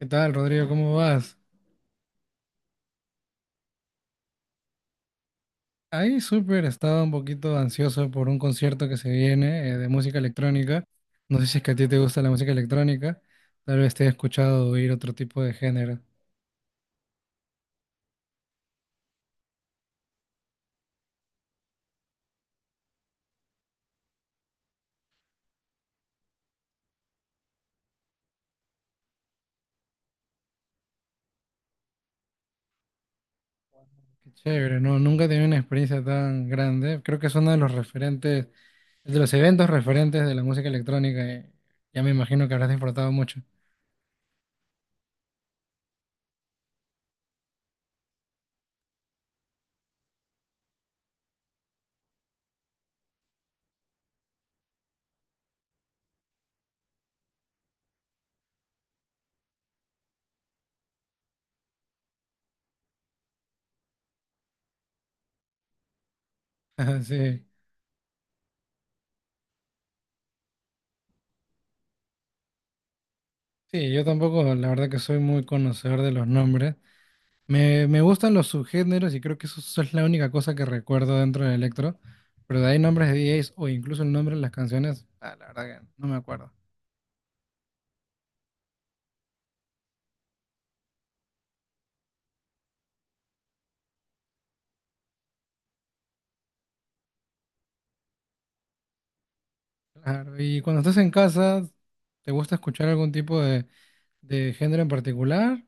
¿Qué tal, Rodrigo? ¿Cómo vas? Ahí súper, estaba un poquito ansioso por un concierto que se viene de música electrónica. No sé si es que a ti te gusta la música electrónica, tal vez te he escuchado oír otro tipo de género. Qué chévere, ¿no? Nunca he tenido una experiencia tan grande. Creo que es uno de los referentes, de los eventos referentes de la música electrónica. Ya me imagino que habrás disfrutado mucho. Sí, sí, yo tampoco, la verdad que soy muy conocedor de los nombres. Me gustan los subgéneros y creo que eso es la única cosa que recuerdo dentro del electro, pero de ahí nombres de DJs o incluso el nombre de las canciones, ah, la verdad que no me acuerdo. Claro, y cuando estás en casa, ¿te gusta escuchar algún tipo de género en particular?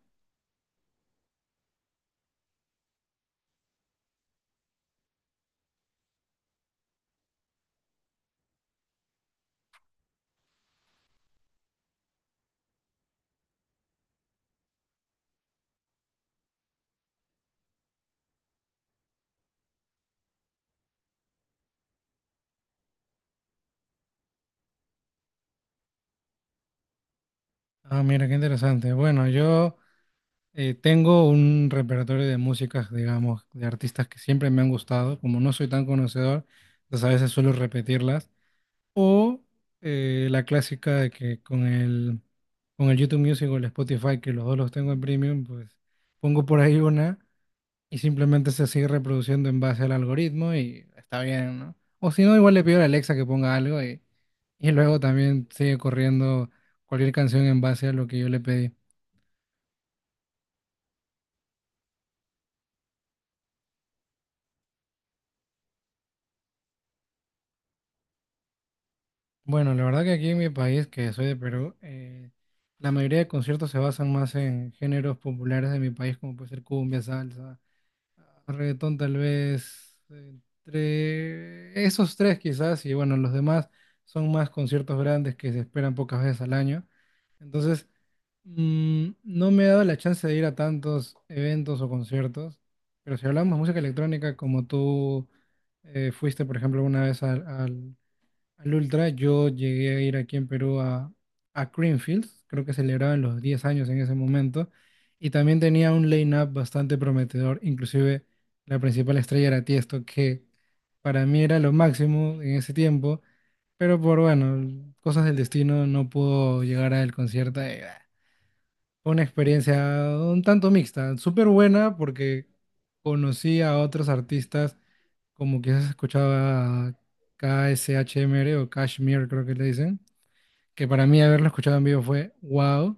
Ah, mira, qué interesante. Bueno, yo tengo un repertorio de músicas, digamos, de artistas que siempre me han gustado. Como no soy tan conocedor, entonces a veces suelo repetirlas. O la clásica de que con el YouTube Music o el Spotify, que los dos los tengo en premium, pues pongo por ahí una y simplemente se sigue reproduciendo en base al algoritmo y está bien, ¿no? O si no, igual le pido a la Alexa que ponga algo y luego también sigue corriendo cualquier canción en base a lo que yo le pedí. Bueno, la verdad que aquí en mi país, que soy de Perú, la mayoría de conciertos se basan más en géneros populares de mi país, como puede ser cumbia, salsa, reggaetón tal vez entre esos tres quizás y bueno, los demás son más conciertos grandes que se esperan pocas veces al año. Entonces, no me he dado la chance de ir a tantos eventos o conciertos, pero si hablamos de música electrónica, como tú fuiste, por ejemplo, una vez al Ultra, yo llegué a ir aquí en Perú a Creamfields, creo que celebraban los 10 años en ese momento, y también tenía un line-up bastante prometedor, inclusive la principal estrella era Tiesto, que para mí era lo máximo en ese tiempo, pero por, bueno, cosas del destino no pudo llegar al concierto. Fue una experiencia un tanto mixta, súper buena porque conocí a otros artistas como quizás escuchaba KSHMR o Kashmir, creo que le dicen, que para mí haberlo escuchado en vivo fue wow.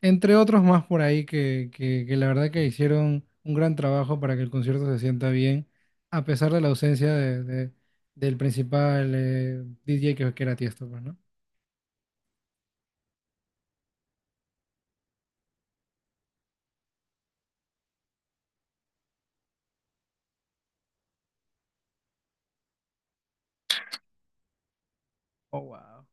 Entre otros más por ahí que la verdad que hicieron un gran trabajo para que el concierto se sienta bien, a pesar de la ausencia del principal DJ que era Tiesto, pues, ¿no? Oh, wow.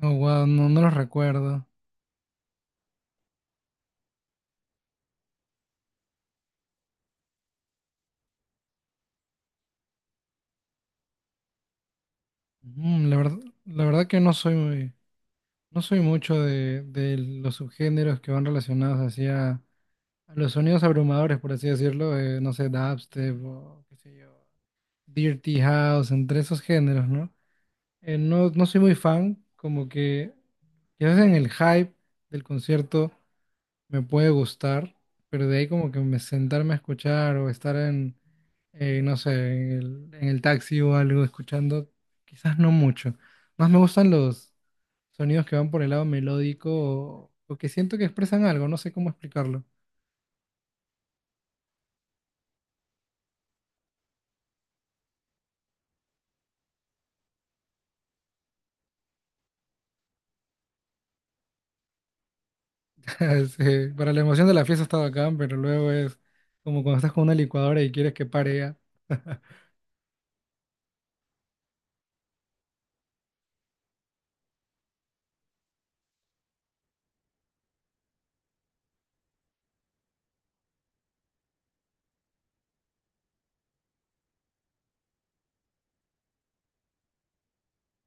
Oh, wow, no, no los recuerdo. Mm, la verdad, la verdad que no soy muy, no soy mucho de los subgéneros que van relacionados hacia a los sonidos abrumadores, por así decirlo, no sé, dubstep o qué sé yo, dirty house, entre esos géneros, ¿no? No, no soy muy fan, como que quizás en el hype del concierto me puede gustar, pero de ahí como que me sentarme a escuchar o estar en, no sé, en el taxi o algo escuchando, quizás no mucho. Más me gustan los sonidos que van por el lado melódico o que siento que expresan algo, no sé cómo explicarlo. Sí, para la emoción de la fiesta está bacán, pero luego es como cuando estás con una licuadora y quieres que pare ya.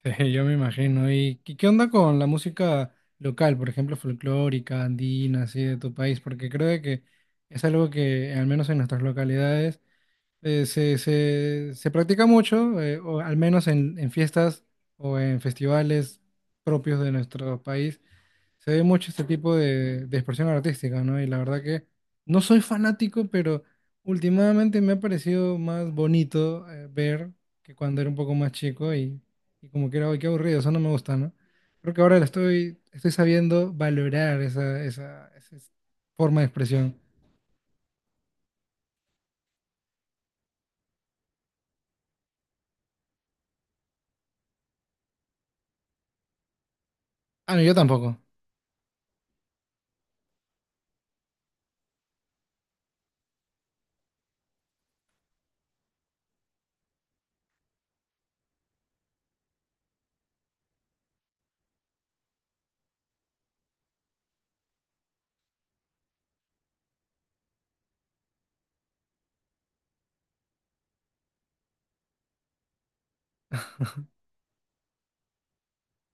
Sí, yo me imagino. ¿Y qué onda con la música local, por ejemplo, folclórica, andina, así de tu país? Porque creo de que es algo que, al menos en nuestras localidades, se practica mucho, o al menos en fiestas o en festivales propios de nuestro país. Se ve mucho este tipo de expresión artística, ¿no? Y la verdad que no soy fanático, pero últimamente me ha parecido más bonito ver que cuando era un poco más chico y como que era, "Ay, qué aburrido, eso no me gusta, ¿no? Creo que ahora lo estoy sabiendo valorar esa forma de expresión. Ah, no, yo tampoco.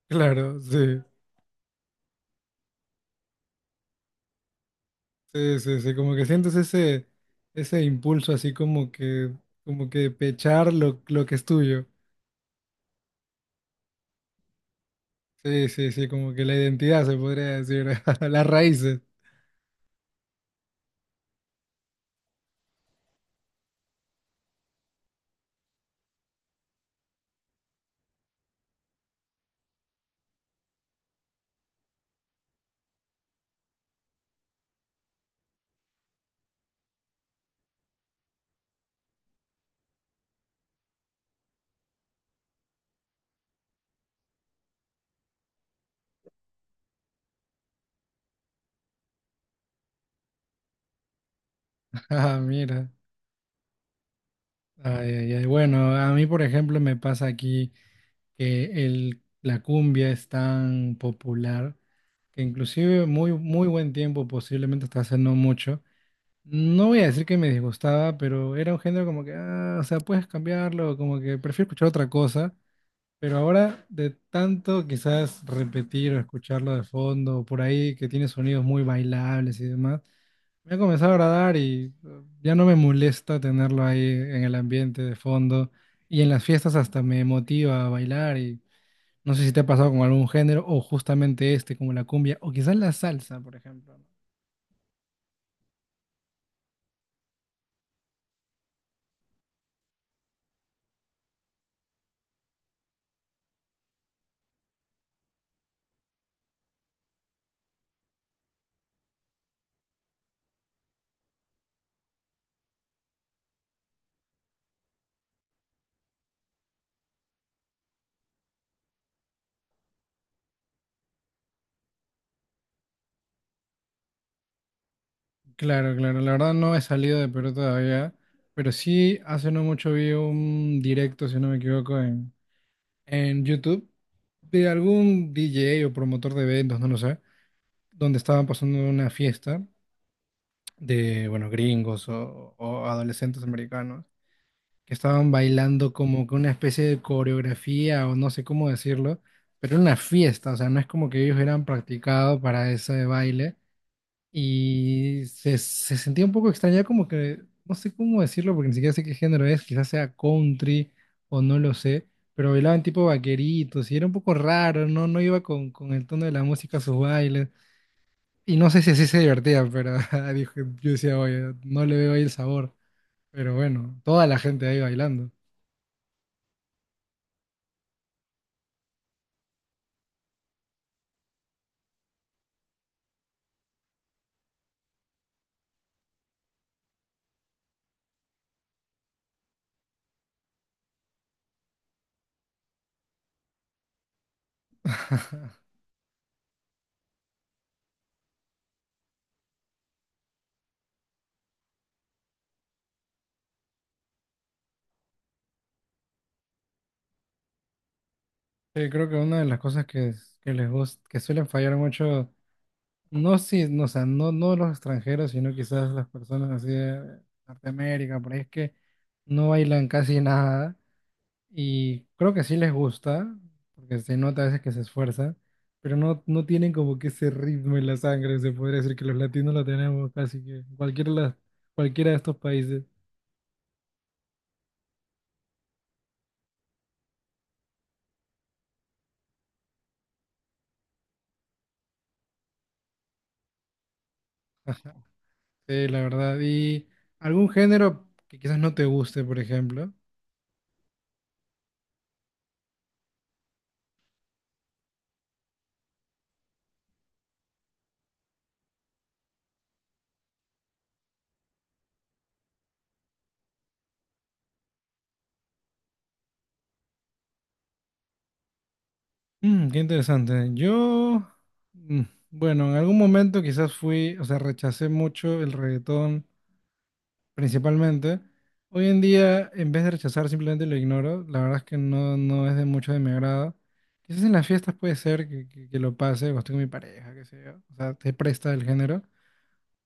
Claro, sí, sí, sí, sí, como que sientes ese impulso así como que pechar lo que es tuyo. Sí, sí, sí, como que la identidad se podría decir, las raíces. Ah, mira. Ay, ay, ay. Bueno, a mí, por ejemplo, me pasa aquí que la cumbia es tan popular que inclusive muy, muy buen tiempo, posiblemente hasta hace no mucho. No voy a decir que me disgustaba, pero era un género como que, ah, o sea, puedes cambiarlo, como que prefiero escuchar otra cosa. Pero ahora, de tanto quizás repetir o escucharlo de fondo, por ahí que tiene sonidos muy bailables y demás. Me ha comenzado a agradar y ya no me molesta tenerlo ahí en el ambiente de fondo. Y en las fiestas hasta me motiva a bailar y no sé si te ha pasado con algún género o justamente este, como la cumbia o quizás la salsa, por ejemplo. Claro, claro, la verdad no he salido de Perú todavía, pero sí hace no mucho vi un directo, si no me equivoco, en YouTube de algún DJ o promotor de eventos, no lo sé, donde estaban pasando una fiesta de, bueno, gringos o adolescentes americanos que estaban bailando como que una especie de coreografía o no sé cómo decirlo, pero era una fiesta, o sea, no es como que ellos hubieran practicado para ese baile y se sentía un poco extraña como que, no sé cómo decirlo porque ni siquiera sé qué género es, quizás sea country o no lo sé. Pero bailaban tipo vaqueritos y era un poco raro, no, no iba con el tono de la música a sus bailes. Y no sé si así se divertía, pero dijo- yo decía, oye, no le veo ahí el sabor. Pero bueno, toda la gente ahí bailando. Sí, creo que una de las cosas que les gusta, que suelen fallar mucho, no si, no, o sea, no, no los extranjeros, sino quizás las personas así de Norteamérica, por ahí es que no bailan casi nada. Y creo que sí les gusta, porque se nota a veces que se esfuerzan, pero no, no tienen como que ese ritmo en la sangre, se podría decir que los latinos lo tenemos casi que en cualquier cualquiera de estos países. Ajá. Sí, la verdad. ¿Y algún género que quizás no te guste, por ejemplo? Qué interesante. Yo, mm, bueno, en algún momento quizás fui, o sea, rechacé mucho el reggaetón principalmente. Hoy en día, en vez de rechazar, simplemente lo ignoro. La verdad es que no, no es de mucho de mi agrado. Quizás en las fiestas puede ser que lo pase, o estoy con mi pareja, qué sé yo. O sea, te presta el género.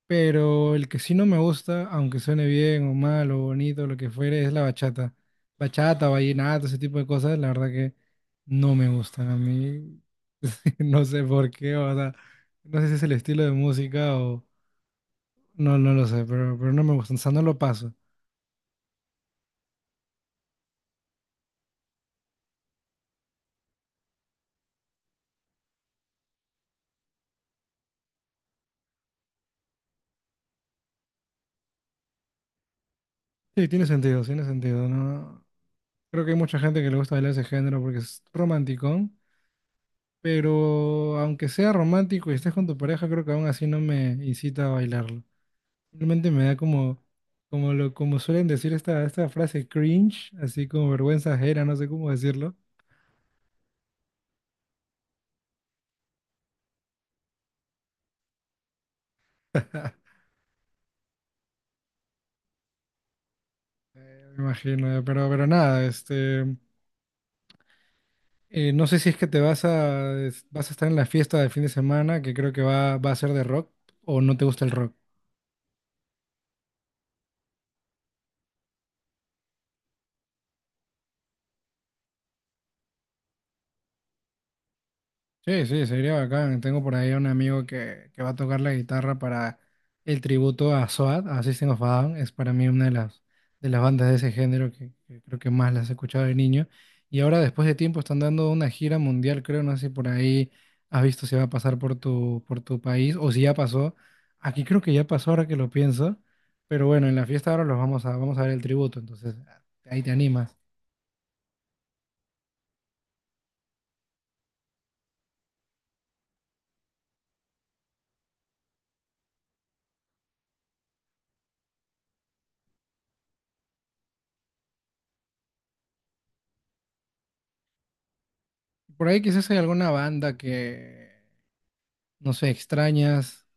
Pero el que sí no me gusta, aunque suene bien o mal o bonito, lo que fuere, es la bachata. Bachata, vallenato, ese tipo de cosas, la verdad que no me gustan a mí. No sé por qué, o sea, no sé si es el estilo de música o... No, no lo sé, pero no me gustan, o sea, no lo paso. Sí, tiene sentido, ¿no? Creo que hay mucha gente que le gusta bailar ese género porque es romanticón, pero aunque sea romántico y estés con tu pareja, creo que aún así no me incita a bailarlo. Simplemente me da como suelen decir esta frase cringe, así como vergüenza ajena, no sé cómo decirlo. Me imagino, pero nada, no sé si es que te vas a estar en la fiesta del fin de semana, que creo que va a ser de rock, o no te gusta el rock. Sí, sí, sería bacán. Tengo por ahí un amigo que va a tocar la guitarra para el tributo a SOAD, a System of a Down. Es para mí una de las bandas de ese género que creo que más las he escuchado de niño. Y ahora, después de tiempo, están dando una gira mundial, creo. No sé si por ahí has visto si va a pasar por tu país o si ya pasó. Aquí creo que ya pasó ahora que lo pienso. Pero bueno, en la fiesta ahora los vamos a ver el tributo. Entonces, ahí te animas. Por ahí quizás hay alguna banda que, no sé, extrañas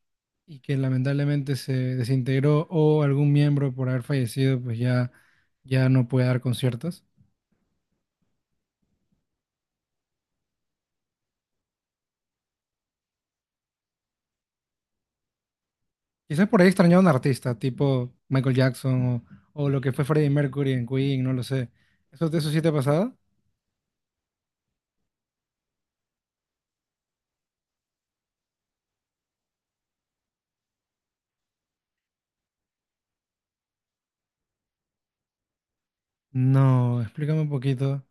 y que lamentablemente se desintegró o algún miembro por haber fallecido, pues ya, ya no puede dar conciertos. Quizás por ahí extrañó a un artista, tipo Michael Jackson o lo que fue Freddie Mercury en Queen, no lo sé. ¿Eso, eso sí te ha pasado? No, explícame un poquito.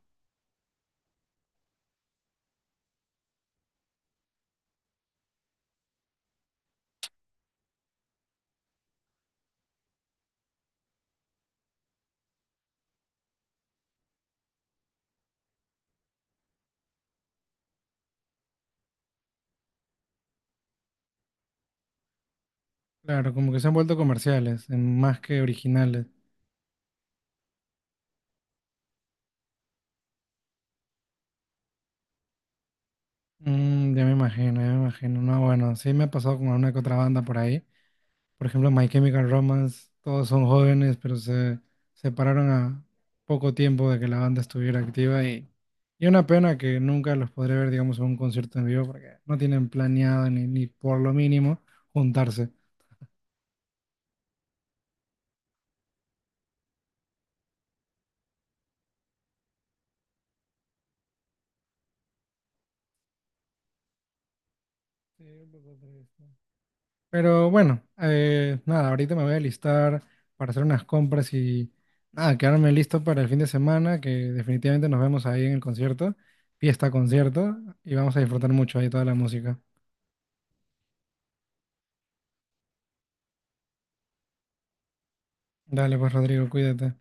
Claro, como que se han vuelto comerciales, más que originales. Ya me imagino, ya me imagino. No, bueno, sí me ha pasado con una que otra banda por ahí. Por ejemplo, My Chemical Romance, todos son jóvenes, pero se separaron a poco tiempo de que la banda estuviera activa y una pena que nunca los podré ver, digamos, en un concierto en vivo porque no tienen planeado ni por lo mínimo juntarse. Sí, un poco triste. Pero bueno, nada, ahorita me voy a listar para hacer unas compras y nada, quedarme listo para el fin de semana, que definitivamente nos vemos ahí en el concierto, fiesta concierto, y vamos a disfrutar mucho ahí toda la música. Dale, pues Rodrigo, cuídate.